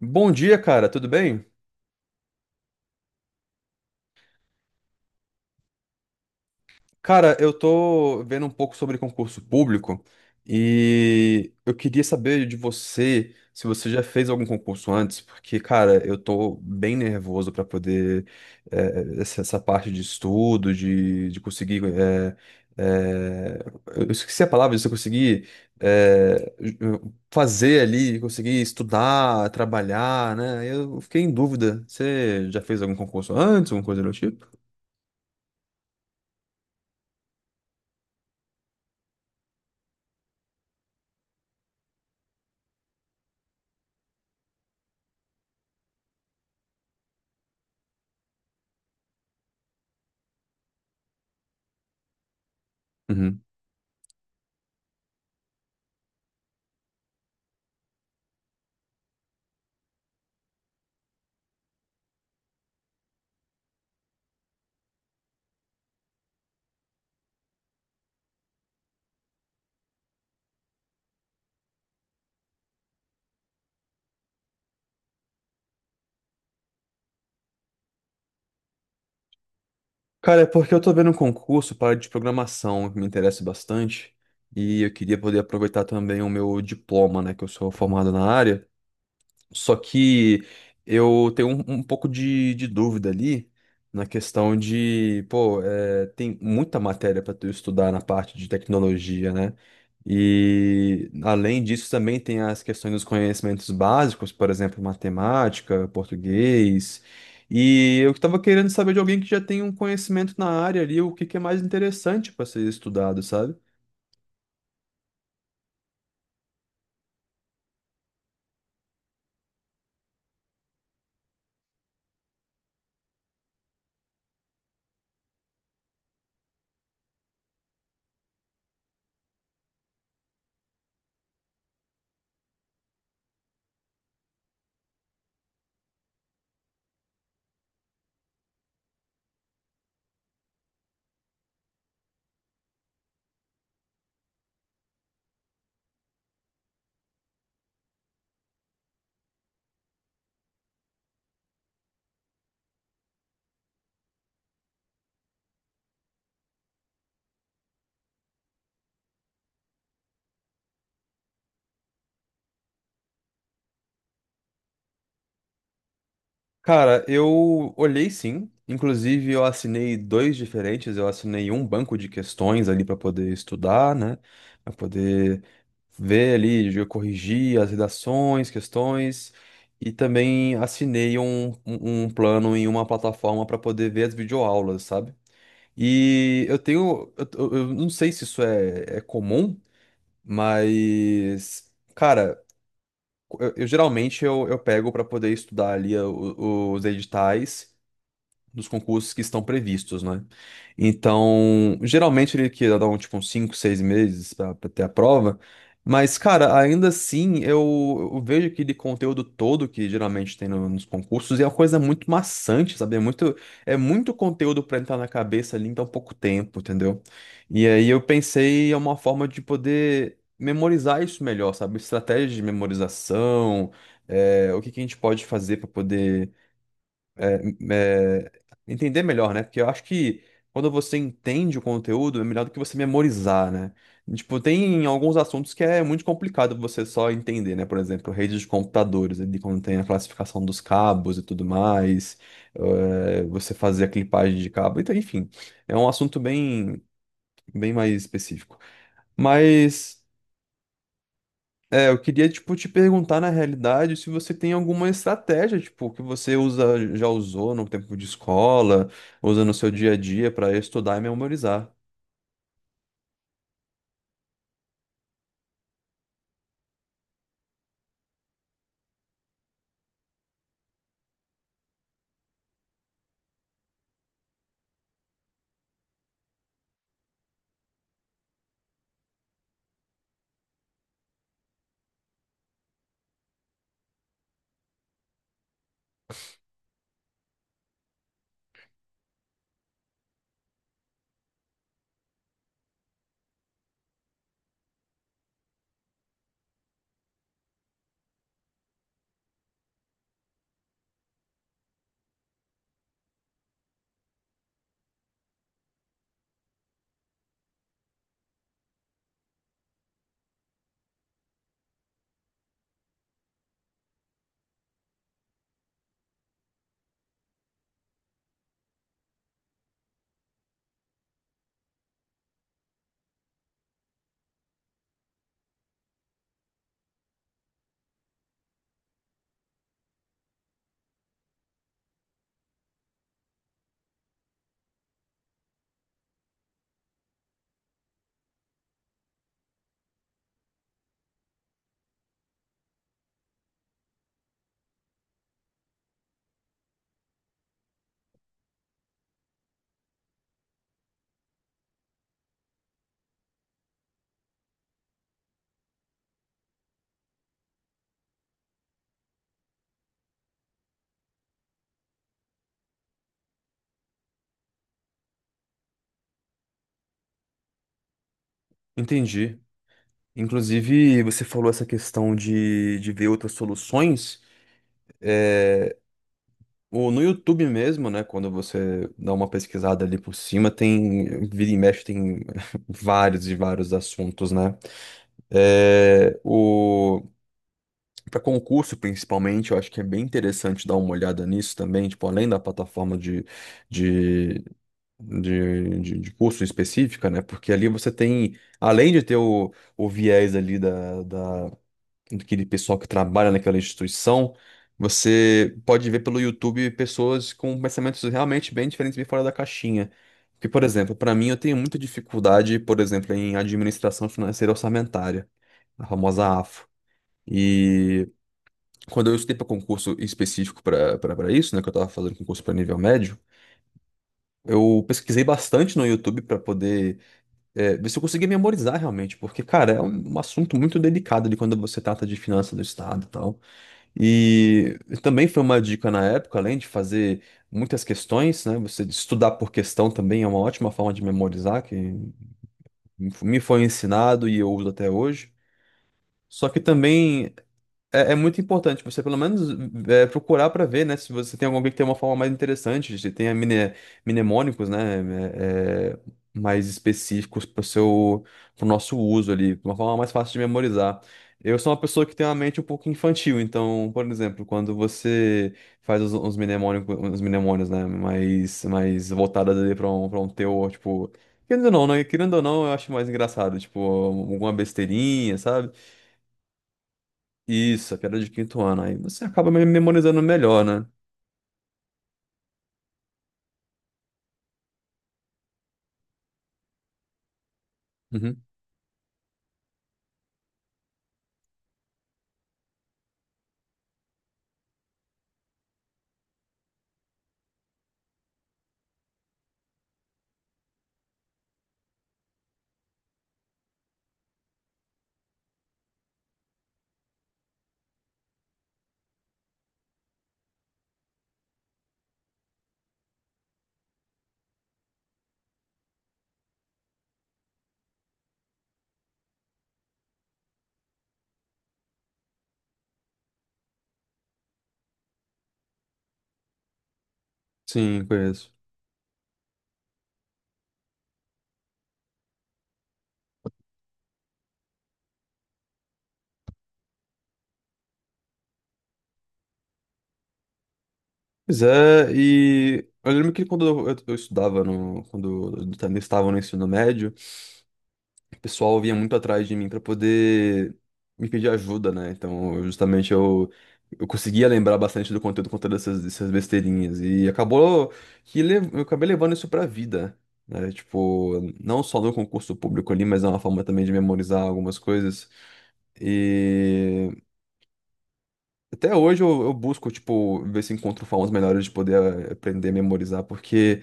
Bom dia, cara, tudo bem? Cara, eu tô vendo um pouco sobre concurso público e eu queria saber de você se você já fez algum concurso antes, porque, cara, eu tô bem nervoso pra poder essa, essa parte de estudo, de conseguir. Eh, eu esqueci a palavra, de você conseguir eh, fazer ali, conseguir estudar, trabalhar, né? Eu fiquei em dúvida. Você já fez algum concurso antes, alguma coisa do tipo? Uhum. Cara, é porque eu tô vendo um concurso para de programação que me interessa bastante e eu queria poder aproveitar também o meu diploma, né, que eu sou formado na área. Só que eu tenho um pouco de dúvida ali na questão de, pô, é, tem muita matéria para tu estudar na parte de tecnologia, né? E além disso também tem as questões dos conhecimentos básicos, por exemplo, matemática, português. E eu estava querendo saber de alguém que já tem um conhecimento na área ali, o que que é mais interessante para ser estudado, sabe? Cara, eu olhei sim. Inclusive, eu assinei dois diferentes. Eu assinei um banco de questões ali para poder estudar, né? Para poder ver ali, eu corrigir as redações, questões. E também assinei um plano em uma plataforma para poder ver as videoaulas, sabe? E eu tenho. Eu não sei se isso é, é comum, mas. Cara, eu geralmente eu pego para poder estudar ali os editais dos concursos que estão previstos, né? Então, geralmente ele quer dar um, tipo, uns 5, 6 meses para ter a prova, mas, cara, ainda assim, eu vejo aquele conteúdo todo que geralmente tem nos concursos e é uma coisa muito maçante, sabe? É muito conteúdo para entrar na cabeça ali em tão pouco tempo, entendeu? E aí eu pensei em uma forma de poder memorizar isso melhor, sabe? Estratégia de memorização, é, o que que a gente pode fazer para poder é, entender melhor, né? Porque eu acho que quando você entende o conteúdo, é melhor do que você memorizar, né? Tipo, tem alguns assuntos que é muito complicado você só entender, né? Por exemplo, redes de computadores, ali quando tem a classificação dos cabos e tudo mais, você fazer a clipagem de cabo, então, enfim, é um assunto bem, bem mais específico. Mas. É, eu queria, tipo, te perguntar, na realidade, se você tem alguma estratégia, tipo, que você usa, já usou no tempo de escola, usa no seu dia a dia para estudar e memorizar. Entendi. Inclusive, você falou essa questão de ver outras soluções. É, o, no YouTube mesmo, né? Quando você dá uma pesquisada ali por cima, tem, vira e mexe, tem vários e vários assuntos, né? É, o... Para concurso, principalmente, eu acho que é bem interessante dar uma olhada nisso também, tipo, além da plataforma de, de curso específica, né? Porque ali você tem, além de ter o viés ali daquele pessoal que trabalha naquela instituição, você pode ver pelo YouTube pessoas com pensamentos realmente bem diferentes, bem fora da caixinha. Porque, por exemplo, para mim, eu tenho muita dificuldade, por exemplo, em administração financeira orçamentária, a famosa AFO. E quando eu estudei para concurso específico para isso, né, que eu estava fazendo concurso para nível médio, eu pesquisei bastante no YouTube para poder ver se eu conseguia memorizar realmente, porque, cara, é um assunto muito delicado de quando você trata de finanças do Estado e tal. E também foi uma dica na época, além de fazer muitas questões, né, você estudar por questão também é uma ótima forma de memorizar, que me foi ensinado e eu uso até hoje. Só que também é, é muito importante você, pelo menos, é, procurar para ver, né? Se você tem algum que tem uma forma mais interessante, se tem a mnemônicos, né? é, é, mais específicos para o seu, para nosso uso ali, uma forma mais fácil de memorizar. Eu sou uma pessoa que tem uma mente um pouco infantil, então, por exemplo, quando você faz os mnemônicos, os mnemônios, né? Mais voltadas ali para para um teor, tipo. Querendo ou não, né? Querendo ou não, eu acho mais engraçado, tipo, alguma besteirinha, isso, a piada de quinto ano. Aí você acaba memorizando melhor, né? Uhum. Sim, conheço. Pois é, e eu lembro que quando eu estudava, no, quando eu também estava no ensino médio, o pessoal vinha muito atrás de mim para poder me pedir ajuda, né? Então, eu, justamente eu conseguia lembrar bastante do conteúdo com essas besteirinhas. E acabou que eu acabei levando isso pra vida, né? Tipo, não só no concurso público ali, mas é uma forma também de memorizar algumas coisas. E. Até hoje eu busco, tipo, ver se encontro formas melhores de poder aprender a memorizar, porque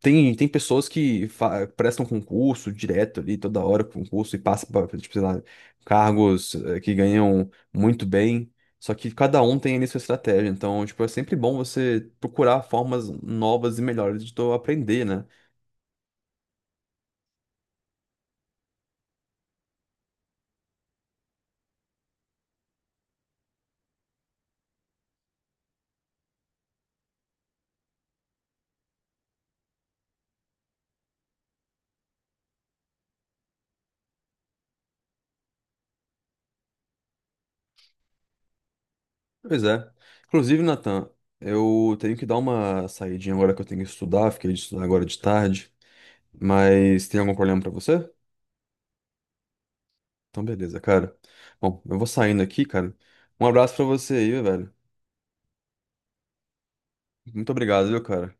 tem, tem pessoas que prestam concurso direto ali, toda hora concurso, e passam para, tipo, sei lá, cargos que ganham muito bem, só que cada um tem ali sua estratégia, então, tipo, é sempre bom você procurar formas novas e melhores de tu aprender, né? Pois é. Inclusive, Nathan, eu tenho que dar uma saidinha agora que eu tenho que estudar, fiquei de estudar agora de tarde, mas tem algum problema pra você? Então, beleza, cara. Bom, eu vou saindo aqui, cara. Um abraço pra você aí, velho. Muito obrigado, viu, cara?